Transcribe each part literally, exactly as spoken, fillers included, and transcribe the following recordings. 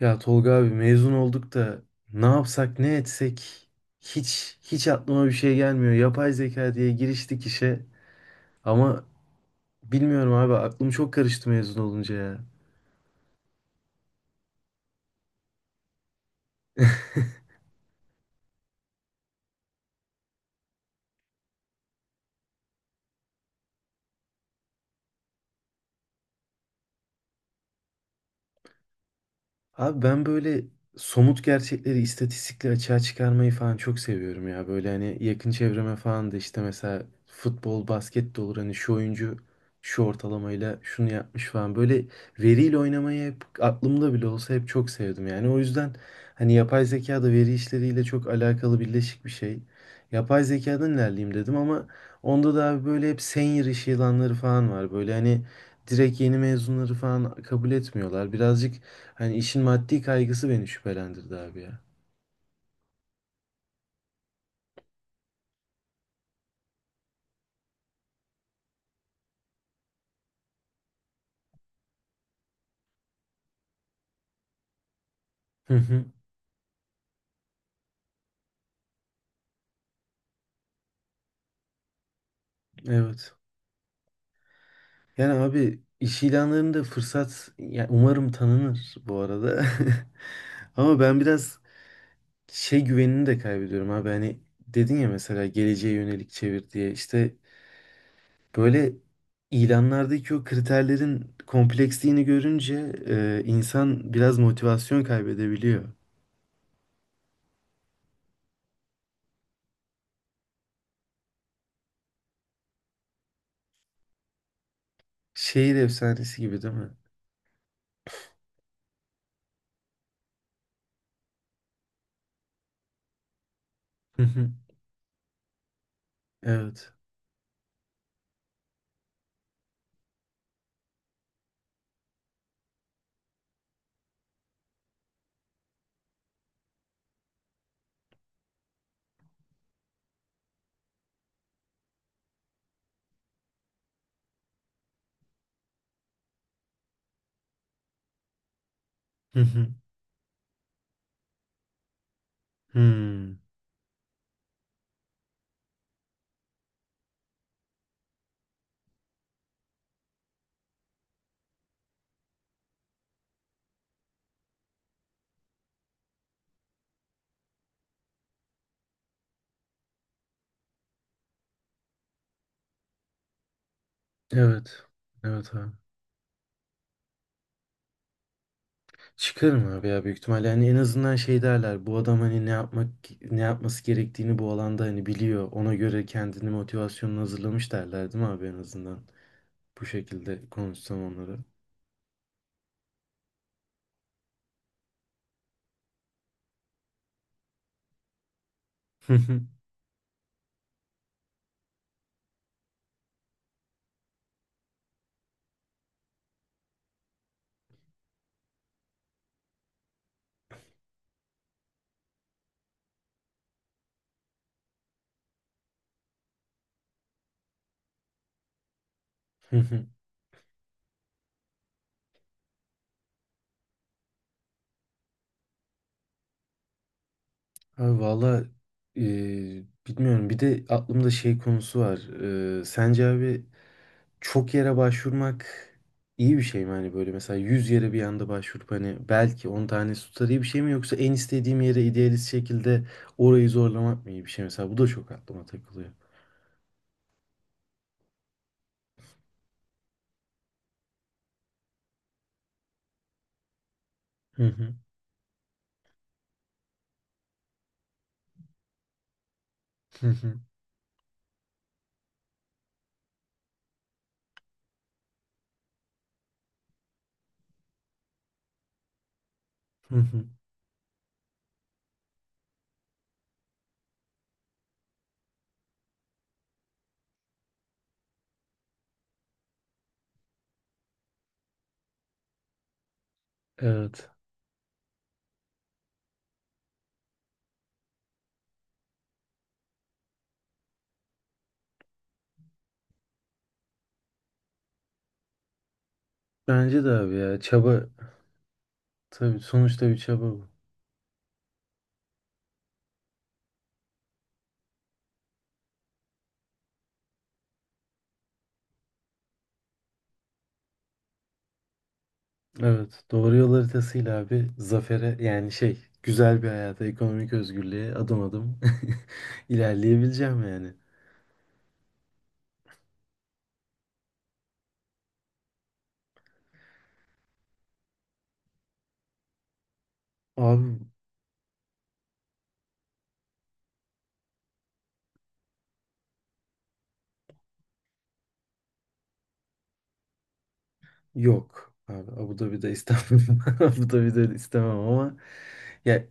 Ya Tolga abi mezun olduk da ne yapsak ne etsek hiç hiç aklıma bir şey gelmiyor. Yapay zeka diye giriştik işe ama bilmiyorum abi aklım çok karıştı mezun olunca ya. Abi ben böyle somut gerçekleri, istatistikleri açığa çıkarmayı falan çok seviyorum ya. Böyle hani yakın çevreme falan da işte mesela futbol, basket de olur. Hani şu oyuncu şu ortalamayla şunu yapmış falan. Böyle veriyle oynamayı hep aklımda bile olsa hep çok sevdim. Yani o yüzden hani yapay zeka da veri işleriyle çok alakalı birleşik bir şey. Yapay zekadan ilerleyeyim dedim ama onda da abi böyle hep senior iş ilanları falan var. Böyle hani direkt yeni mezunları falan kabul etmiyorlar. Birazcık. Hani işin maddi kaygısı beni şüphelendirdi abi ya. Hı hı. Evet. Yani abi iş ilanlarında fırsat, yani umarım tanınır bu arada. Ama ben biraz şey güvenini de kaybediyorum abi. Hani dedin ya mesela geleceğe yönelik çevir diye. İşte böyle ilanlardaki o kriterlerin kompleksliğini görünce e, insan biraz motivasyon kaybedebiliyor. Şehir efsanesi gibi değil mi? Hı hı. Evet. Hı hı. Hmm. Evet. Evet abi. Çıkarım abi ya, büyük ihtimalle. Yani en azından şey derler, bu adam hani ne yapmak ne yapması gerektiğini bu alanda hani biliyor, ona göre kendini motivasyonunu hazırlamış derler değil mi abi, en azından bu şekilde konuşsam onlara. Hı hı. Abi valla e, bilmiyorum, bir de aklımda şey konusu var. E, sence abi çok yere başvurmak iyi bir şey mi? Hani böyle mesela yüz yere bir anda başvurup hani belki on tanesi tutar iyi bir şey mi? Yoksa en istediğim yere idealist şekilde orayı zorlamak mı iyi bir şey? Mesela bu da çok aklıma takılıyor. Hı hı. Hı hı. Hı hı. Evet. Bence de abi ya, çaba, tabii sonuçta bir çaba bu. Evet. Doğru yol haritasıyla abi zafere, yani şey, güzel bir hayata, ekonomik özgürlüğe adım adım ilerleyebileceğim yani. Abi yok abi, Abu Dhabi'de istemem. Abu Dhabi'de istemem ama ya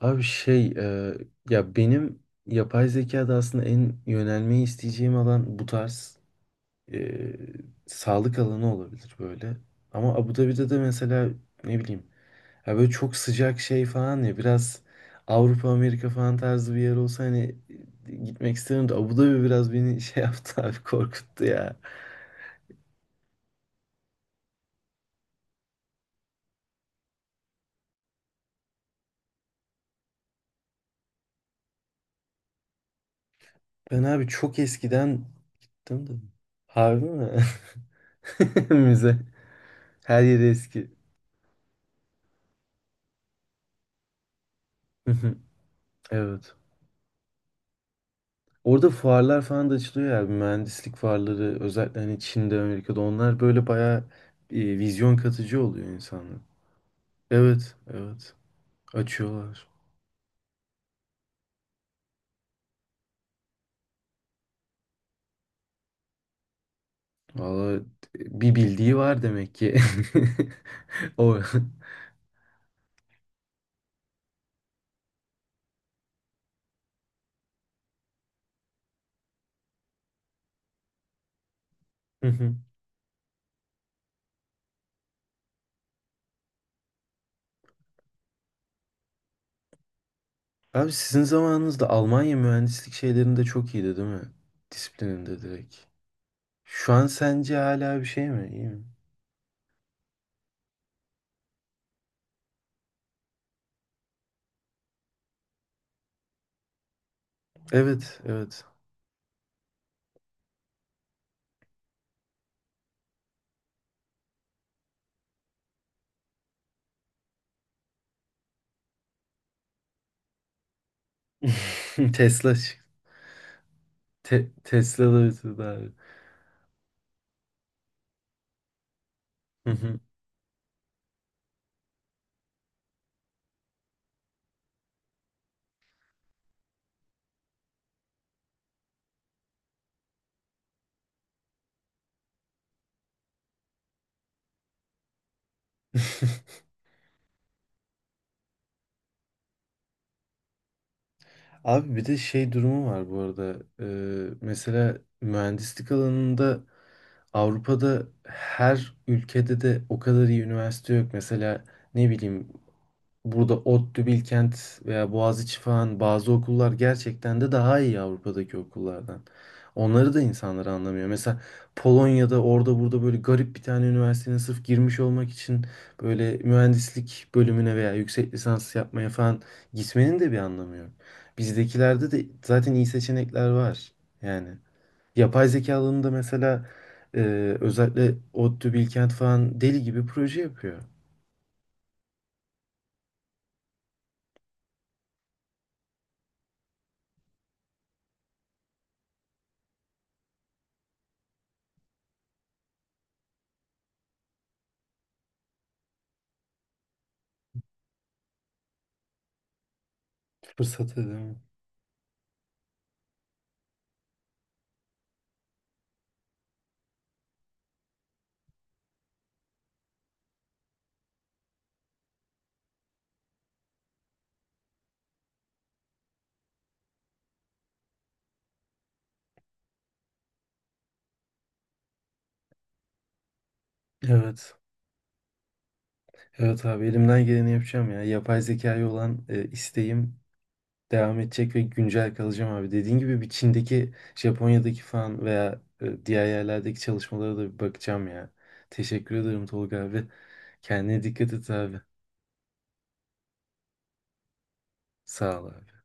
abi şey e, ya benim yapay zekada aslında en yönelmeyi isteyeceğim alan bu tarz e, sağlık alanı olabilir böyle. Ama Abu Dhabi'de de mesela ne bileyim, ya böyle çok sıcak şey falan, ya biraz Avrupa Amerika falan tarzı bir yer olsa hani e, gitmek isterim de Abu Dhabi biraz beni şey yaptı abi, korkuttu ya. Ben abi çok eskiden gittim de. Harbi mi? Müze. Her yeri eski. Hı hı. Evet. Orada fuarlar falan da açılıyor ya. Mühendislik fuarları özellikle hani Çin'de, Amerika'da onlar böyle bayağı e, vizyon katıcı oluyor insanlar. Evet, evet. Açıyorlar. Valla bir bildiği var demek ki. O. Hı hı. Abi sizin zamanınızda Almanya mühendislik şeylerinde çok iyiydi değil mi? Disiplininde direkt. Şu an sence hala bir şey mi? İyi mi? Evet, evet. Tesla çık- Te Tesla da bitirdi abi. Hı hı. Abi bir de şey durumu var bu arada. Ee, mesela mühendislik alanında Avrupa'da her ülkede de o kadar iyi üniversite yok. Mesela ne bileyim, burada ODTÜ, Bilkent veya Boğaziçi falan bazı okullar gerçekten de daha iyi Avrupa'daki okullardan. Onları da insanlar anlamıyor. Mesela Polonya'da orada burada böyle garip bir tane üniversitenin sırf girmiş olmak için böyle mühendislik bölümüne veya yüksek lisans yapmaya falan gitmenin de bir anlamı yok. Bizdekilerde de zaten iyi seçenekler var. Yani yapay zeka alanında mesela e, özellikle ODTÜ, Bilkent falan deli gibi proje yapıyor. Fırsat değil. Evet. Evet abi, elimden geleni yapacağım ya. Yapay zekaya olan e, isteğim devam edecek ve güncel kalacağım abi. Dediğin gibi bir Çin'deki, Japonya'daki falan veya e, diğer yerlerdeki çalışmalara da bir bakacağım ya. Teşekkür ederim Tolga abi. Kendine dikkat et abi. Sağ ol abi.